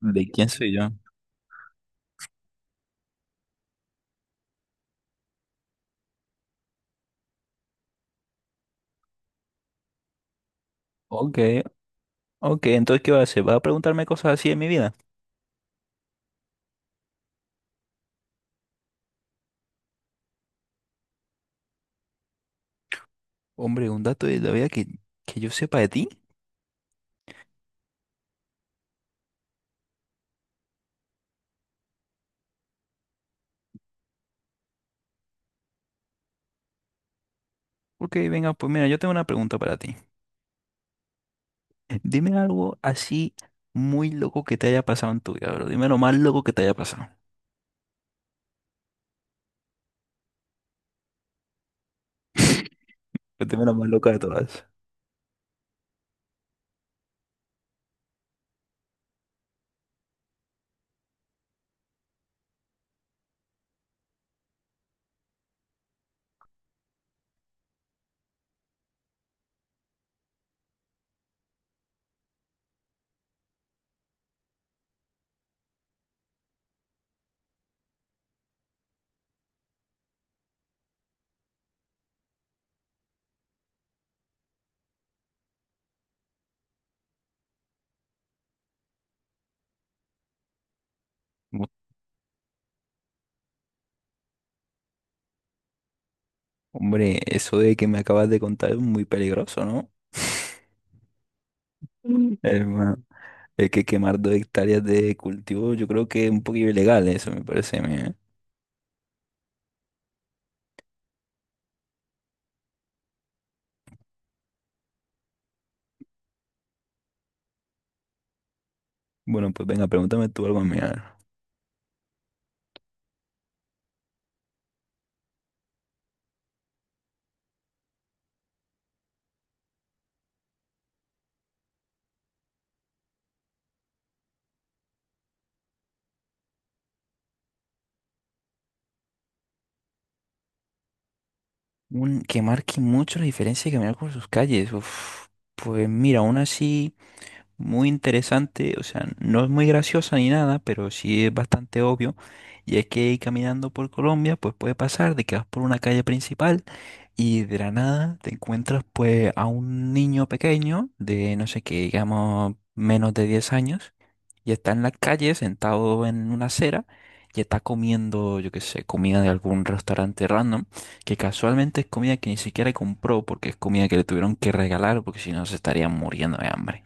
¿De quién soy yo? Ok, ok, entonces ¿qué vas a hacer? ¿Vas a preguntarme cosas así de mi vida? Hombre, un dato de la vida que yo sepa de ti. Ok, venga, pues mira, yo tengo una pregunta para ti. Dime algo así muy loco que te haya pasado en tu vida, bro. Dime lo más loco que te haya pasado. Dime lo más loca de todas. Mu- Hombre, eso de que me acabas de contar es muy peligroso, ¿no? Hermano, es que quemar 2 hectáreas de cultivo yo creo que es un poquito ilegal, eso me parece a mí, ¿eh? Bueno, pues venga, pregúntame tú algo a mí, a ver. Que marque mucho la diferencia de caminar por sus calles. Uf, pues mira, aún así, muy interesante. O sea, no es muy graciosa ni nada, pero sí es bastante obvio. Y es que caminando por Colombia, pues puede pasar de que vas por una calle principal y de la nada te encuentras pues a un niño pequeño de, no sé qué, digamos, menos de 10 años, y está en la calle sentado en una acera y está comiendo, yo qué sé, comida de algún restaurante random, que casualmente es comida que ni siquiera compró porque es comida que le tuvieron que regalar porque si no se estarían muriendo de hambre.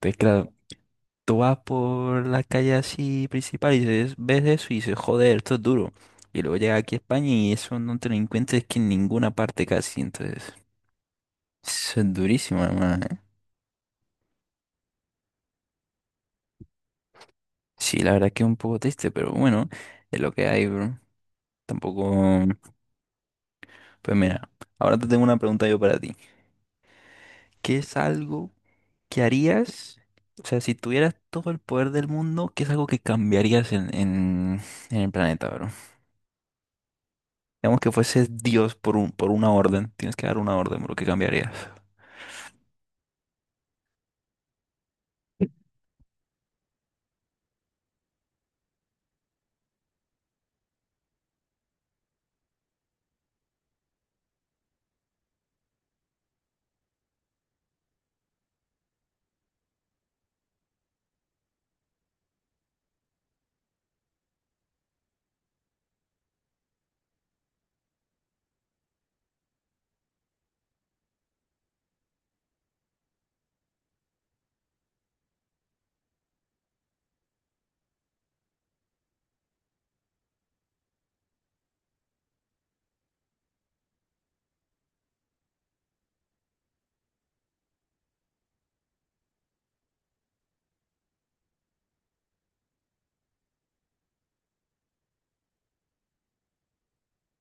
Entonces, claro, tú vas por la calle así principal y dices- ves eso y dices, joder, esto es duro. Y luego llega aquí a España y eso no te lo encuentras que en ninguna parte casi, entonces... Eso es durísimo, hermano, ¿eh? Sí, la verdad que es un poco triste, pero bueno, es lo que hay, bro. Tampoco. Pues mira, ahora te tengo una pregunta yo para ti. ¿Qué es algo que harías? O sea, si tuvieras todo el poder del mundo, ¿qué es algo que cambiarías en el planeta, bro? Digamos que fueses Dios por un, por una orden. Tienes que dar una orden, bro. ¿Qué cambiarías?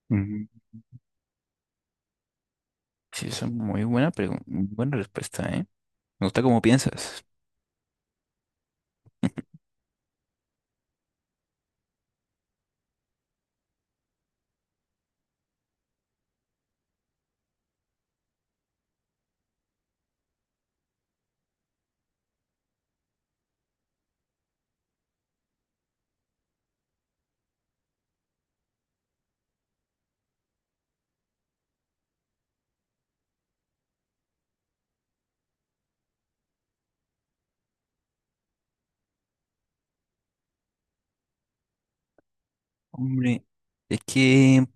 Ujú. Sí, esa es muy buena pregunta, buena respuesta, ¿eh? Me gusta cómo piensas. Hombre, es que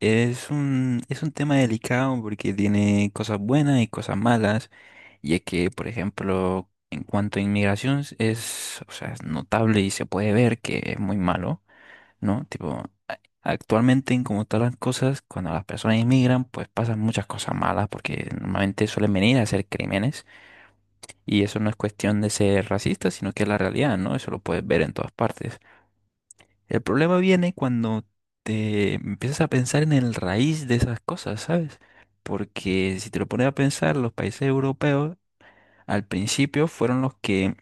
es un, es un tema delicado porque tiene cosas buenas y cosas malas, y es que, por ejemplo, en cuanto a inmigración es, o sea, es notable y se puede ver que es muy malo, ¿no? Tipo, actualmente en como están las cosas, cuando las personas inmigran, pues pasan muchas cosas malas porque normalmente suelen venir a hacer crímenes, y eso no es cuestión de ser racista, sino que es la realidad, ¿no? Eso lo puedes ver en todas partes. El problema viene cuando te empiezas a pensar en el raíz de esas cosas, ¿sabes? Porque si te lo pones a pensar, los países europeos al principio fueron los que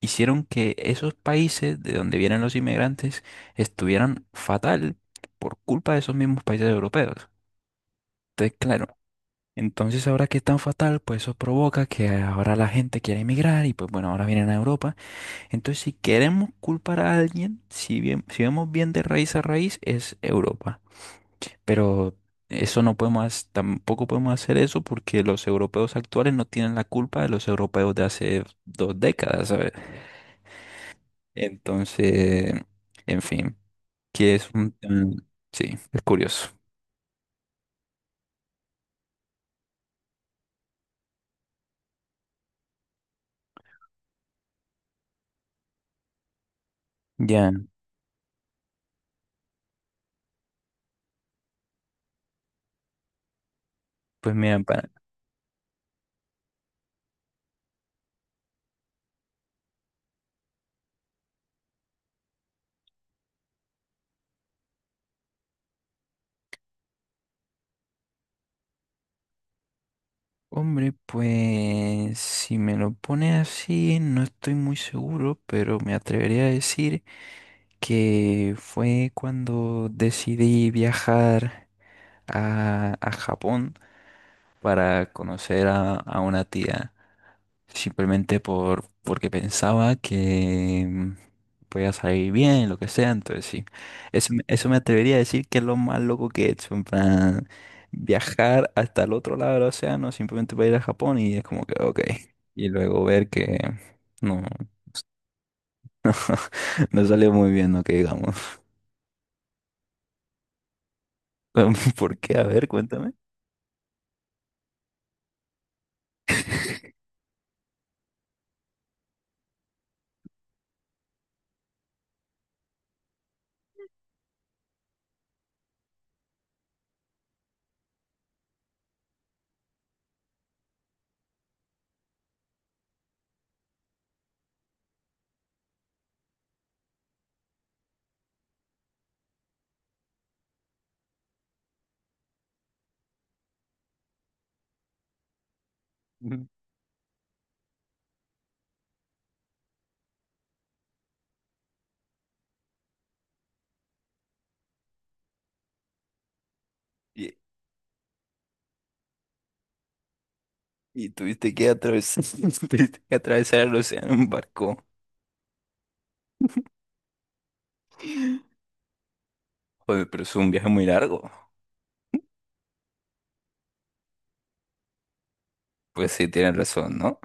hicieron que esos países de donde vienen los inmigrantes estuvieran fatal por culpa de esos mismos países europeos. Entonces, claro, entonces ahora que están fatal, pues eso provoca que ahora la gente quiera emigrar y pues bueno, ahora vienen a Europa, entonces, si queremos culpar a alguien, si bien, si vemos bien de raíz a raíz, es Europa. Pero eso no podemos, tampoco podemos hacer eso porque los europeos actuales no tienen la culpa de los europeos de hace 2 décadas, ¿sabes? Entonces, en fin, que es un... tema- Sí, es curioso. Ya, pues mira, para... Hombre, pues si me lo pone así, no estoy muy seguro, pero me atrevería a decir que fue cuando decidí viajar a Japón para conocer a una tía, simplemente porque pensaba que podía salir bien, lo que sea, entonces sí, eso, eso me atrevería a decir que es lo más loco que he hecho, en plan, viajar hasta el otro lado del océano simplemente para ir a Japón y es como que, ok, y luego ver que no, no salió muy bien, no que digamos. ¿Por qué? A ver, cuéntame. Ujú. Y, y tuviste que atravesar, tuviste que atravesar el océano en barco. Joder, pero es un viaje muy largo. Pues sí, tienes razón, ¿no?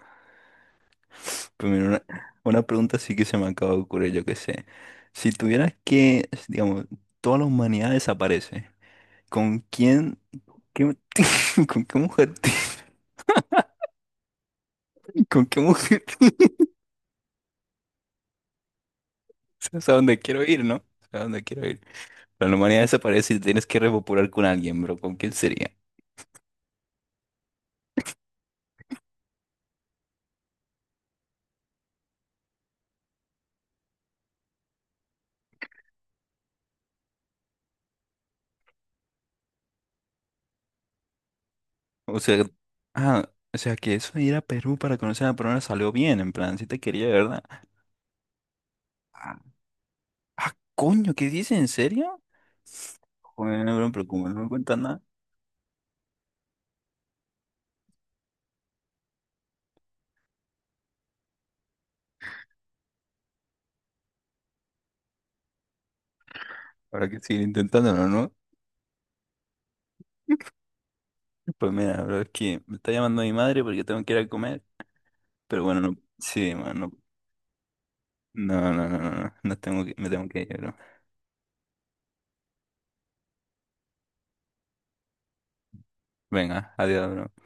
Pero mira, una pregunta sí que se me acaba de ocurrir, yo qué sé. Si tuvieras que, digamos, toda la humanidad desaparece, ¿con quién, qué- con qué mujer, te- con qué mujer, te- o a dónde quiero ir, ¿no? O a dónde quiero ir. Pero la humanidad desaparece y tienes que repopular con alguien, bro. ¿Con quién sería? O sea, ah, o sea que eso de ir a Perú para conocer a la persona salió bien, en plan, si te quería, ¿verdad? Ah, ah, coño, ¿qué dices? ¿En serio? Joder, no, bro, pero como no me cuentan nada, habrá que seguir intentándolo, ¿no? Pues mira, bro, es que me está llamando mi madre porque tengo que ir a comer. Pero bueno, no, sí, mano, no, no, no, no, no, no tengo que, me tengo que ir, bro. Venga, adiós, bro.